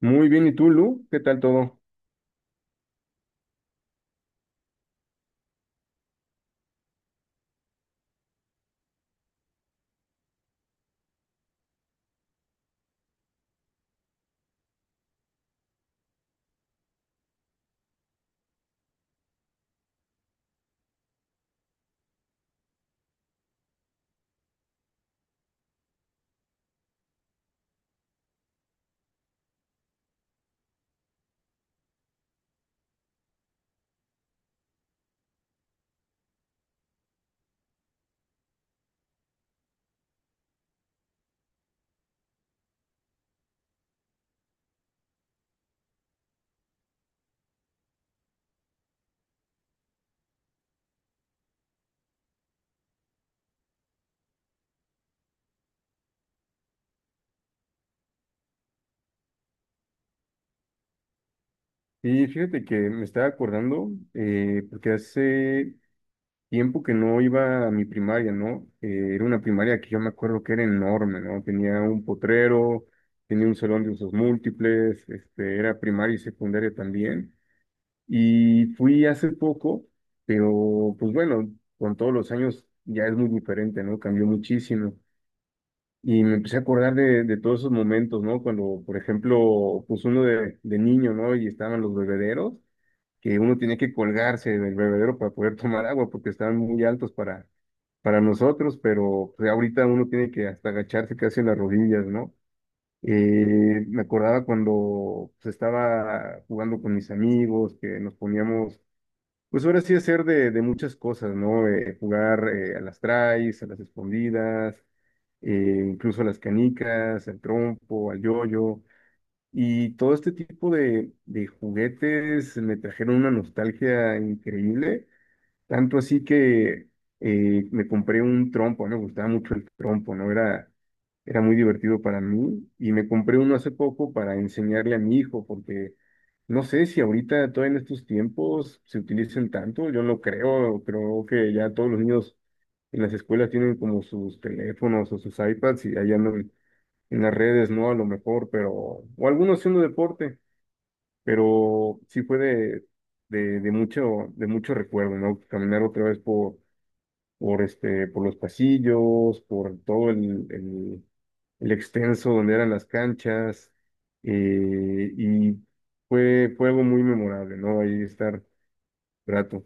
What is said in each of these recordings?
Muy bien, ¿y tú, Lu? ¿Qué tal todo? Y fíjate que me estaba acordando, porque hace tiempo que no iba a mi primaria, ¿no? Era una primaria que yo me acuerdo que era enorme, ¿no? Tenía un potrero, tenía un salón de usos múltiples, este, era primaria y secundaria también. Y fui hace poco, pero pues bueno, con todos los años ya es muy diferente, ¿no? Cambió muchísimo. Y me empecé a acordar de todos esos momentos, ¿no? Cuando, por ejemplo, pues uno de niño, ¿no? Y estaban los bebederos, que uno tenía que colgarse del bebedero para poder tomar agua, porque estaban muy altos para nosotros, pero pues, ahorita uno tiene que hasta agacharse casi en las rodillas, ¿no? Me acordaba cuando pues, estaba jugando con mis amigos, que nos poníamos pues ahora sí hacer de muchas cosas, ¿no? Jugar a las traes, a las escondidas, incluso a las canicas, al trompo, al yoyo. Y todo este tipo de juguetes me trajeron una nostalgia increíble tanto así que me compré un trompo, ¿no? Me gustaba mucho el trompo, ¿no? Era, era muy divertido para mí y me compré uno hace poco para enseñarle a mi hijo, porque no sé si ahorita, todavía en estos tiempos, se utilicen tanto, yo no creo, creo que ya todos los niños en las escuelas tienen como sus teléfonos o sus iPads y allá en las redes, ¿no? A lo mejor, pero, o algunos haciendo deporte, pero sí fue de, de mucho recuerdo, ¿no? Caminar otra vez por, este, por los pasillos, por todo el extenso donde eran las canchas, y fue, fue algo muy memorable, ¿no? Ahí estar rato.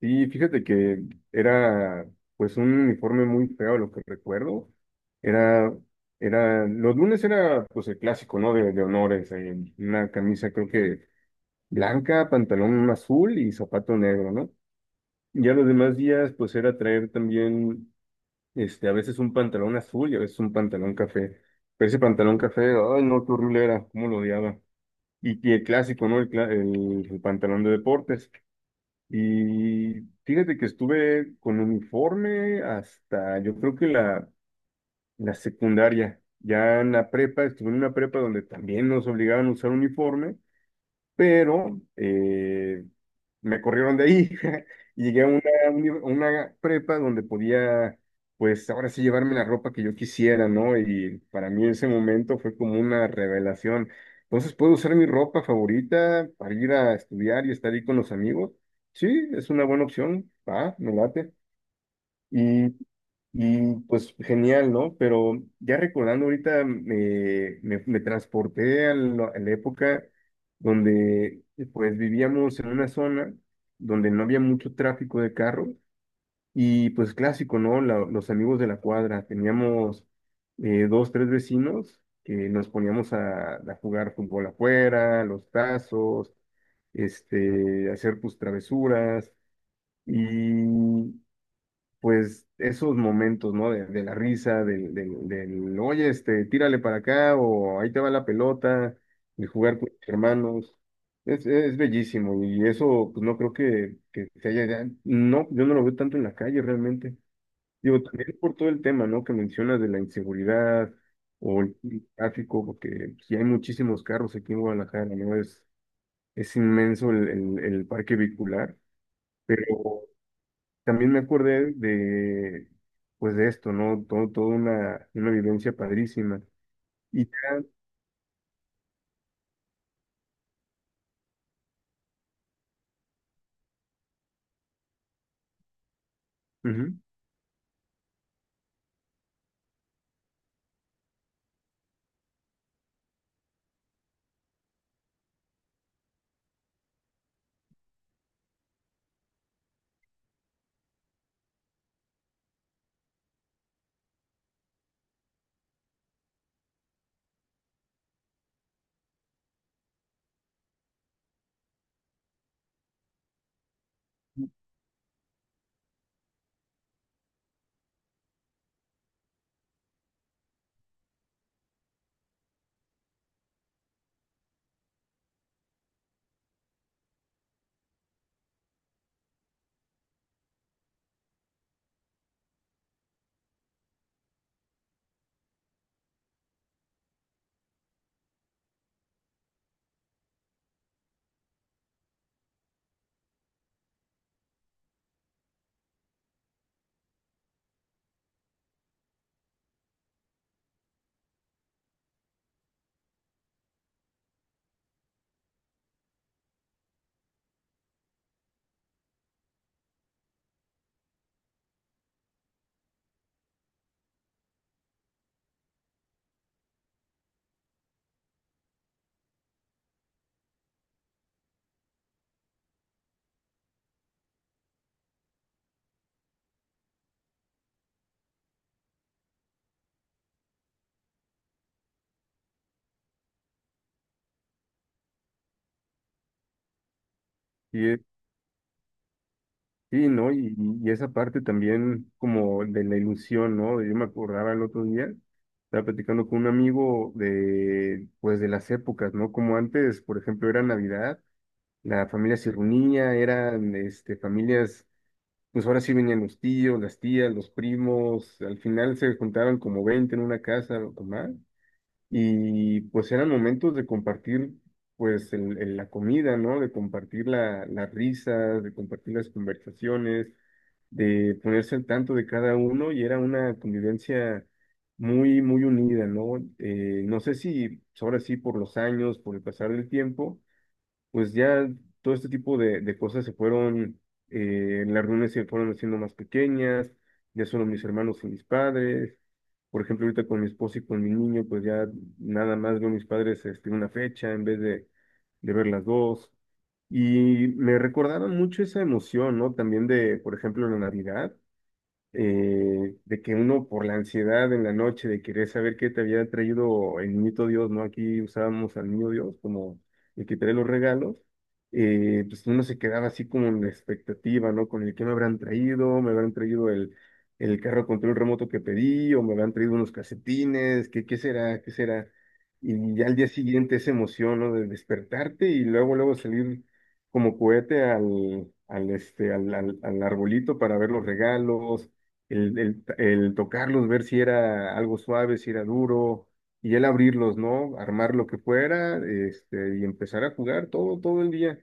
Y fíjate que era, pues, un uniforme muy feo, lo que recuerdo. Era, era, los lunes era, pues, el clásico, ¿no? De honores, una camisa, creo que blanca, pantalón azul y zapato negro, ¿no? Ya los demás días, pues era traer también, este, a veces un pantalón azul y a veces un pantalón café. Pero ese pantalón café, ay, no, qué horrible era, cómo lo odiaba. Y el clásico, ¿no? El pantalón de deportes. Y fíjate que estuve con uniforme hasta, yo creo que la secundaria. Ya en la prepa, estuve en una prepa donde también nos obligaban a usar uniforme, pero me corrieron de ahí y llegué a una, a una prepa donde podía, pues ahora sí llevarme la ropa que yo quisiera, ¿no? Y para mí ese momento fue como una revelación. Entonces puedo usar mi ropa favorita para ir a estudiar y estar ahí con los amigos. Sí, es una buena opción. Ah, me late. Y, y, pues genial, ¿no? Pero ya recordando ahorita me transporté a la época donde pues vivíamos en una zona donde no había mucho tráfico de carros, y pues clásico, ¿no? Los amigos de la cuadra, teníamos dos, tres vecinos que nos poníamos a jugar fútbol afuera, los tazos, este, hacer tus travesuras. Y pues esos momentos, ¿no? De la risa, oye, este, tírale para acá o ahí te va la pelota, de jugar con tus hermanos. Es bellísimo y eso, pues no creo que se haya, no, yo no lo veo tanto en la calle realmente. Digo, también por todo el tema, ¿no? Que mencionas de la inseguridad o el tráfico, porque pues, sí hay muchísimos carros aquí en Guadalajara, ¿no? Es inmenso el, el parque vehicular. Pero también me acordé de, pues de esto, ¿no? Todo, toda una vivencia padrísima. Y ya, ujú, y, sí, ¿no? Y esa parte también como de la ilusión, ¿no? Yo me acordaba el otro día, estaba platicando con un amigo de, pues de las épocas, ¿no? Como antes, por ejemplo, era Navidad, la familia se reunía, eran, este, familias, pues ahora sí venían los tíos, las tías, los primos, al final se juntaban como 20 en una casa o más. Y pues eran momentos de compartir pues la comida, ¿no? De compartir la, las risas, de compartir las conversaciones, de ponerse al tanto de cada uno, y era una convivencia muy, muy unida, ¿no? No sé si ahora sí por los años, por el pasar del tiempo pues ya todo este tipo de cosas se fueron, las reuniones se fueron haciendo más pequeñas, ya solo mis hermanos y mis padres. Por ejemplo, ahorita con mi esposo y con mi niño, pues ya nada más veo a mis padres este, una fecha en vez de ver las dos. Y me recordaron mucho esa emoción, ¿no? También de, por ejemplo, la Navidad, de que uno por la ansiedad en la noche de querer saber qué te había traído el niñito Dios, ¿no? Aquí usábamos al niño Dios como el que trae los regalos, pues uno se quedaba así como en la expectativa, ¿no? Con el que me habrán traído el carro control remoto que pedí, o me habrán traído unos casetines, ¿qué, qué será? ¿Qué será? Y ya al día siguiente esa emoción, ¿no? De despertarte y luego, luego salir como cohete al, al, este, al, al arbolito para ver los regalos, el, el tocarlos, ver si era algo suave, si era duro, y el abrirlos, ¿no? Armar lo que fuera, este, y empezar a jugar todo, todo el día.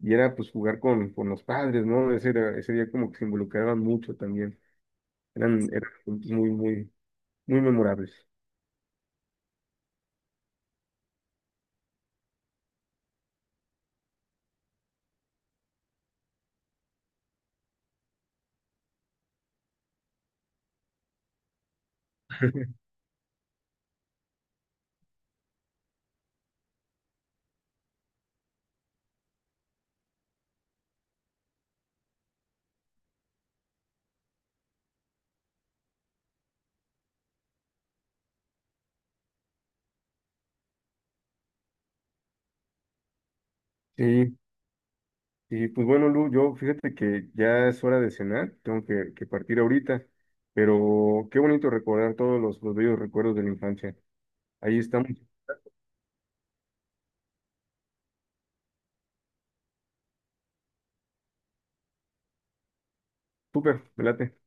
Y era pues jugar con los padres, ¿no? Ese, ese día como que se involucraban mucho también. Eran, eran momentos muy, muy, muy memorables. Sí, y pues bueno, Lu, yo fíjate que ya es hora de cenar, tengo que partir ahorita, pero qué bonito recordar todos los bellos recuerdos de la infancia. Ahí estamos, súper, me late.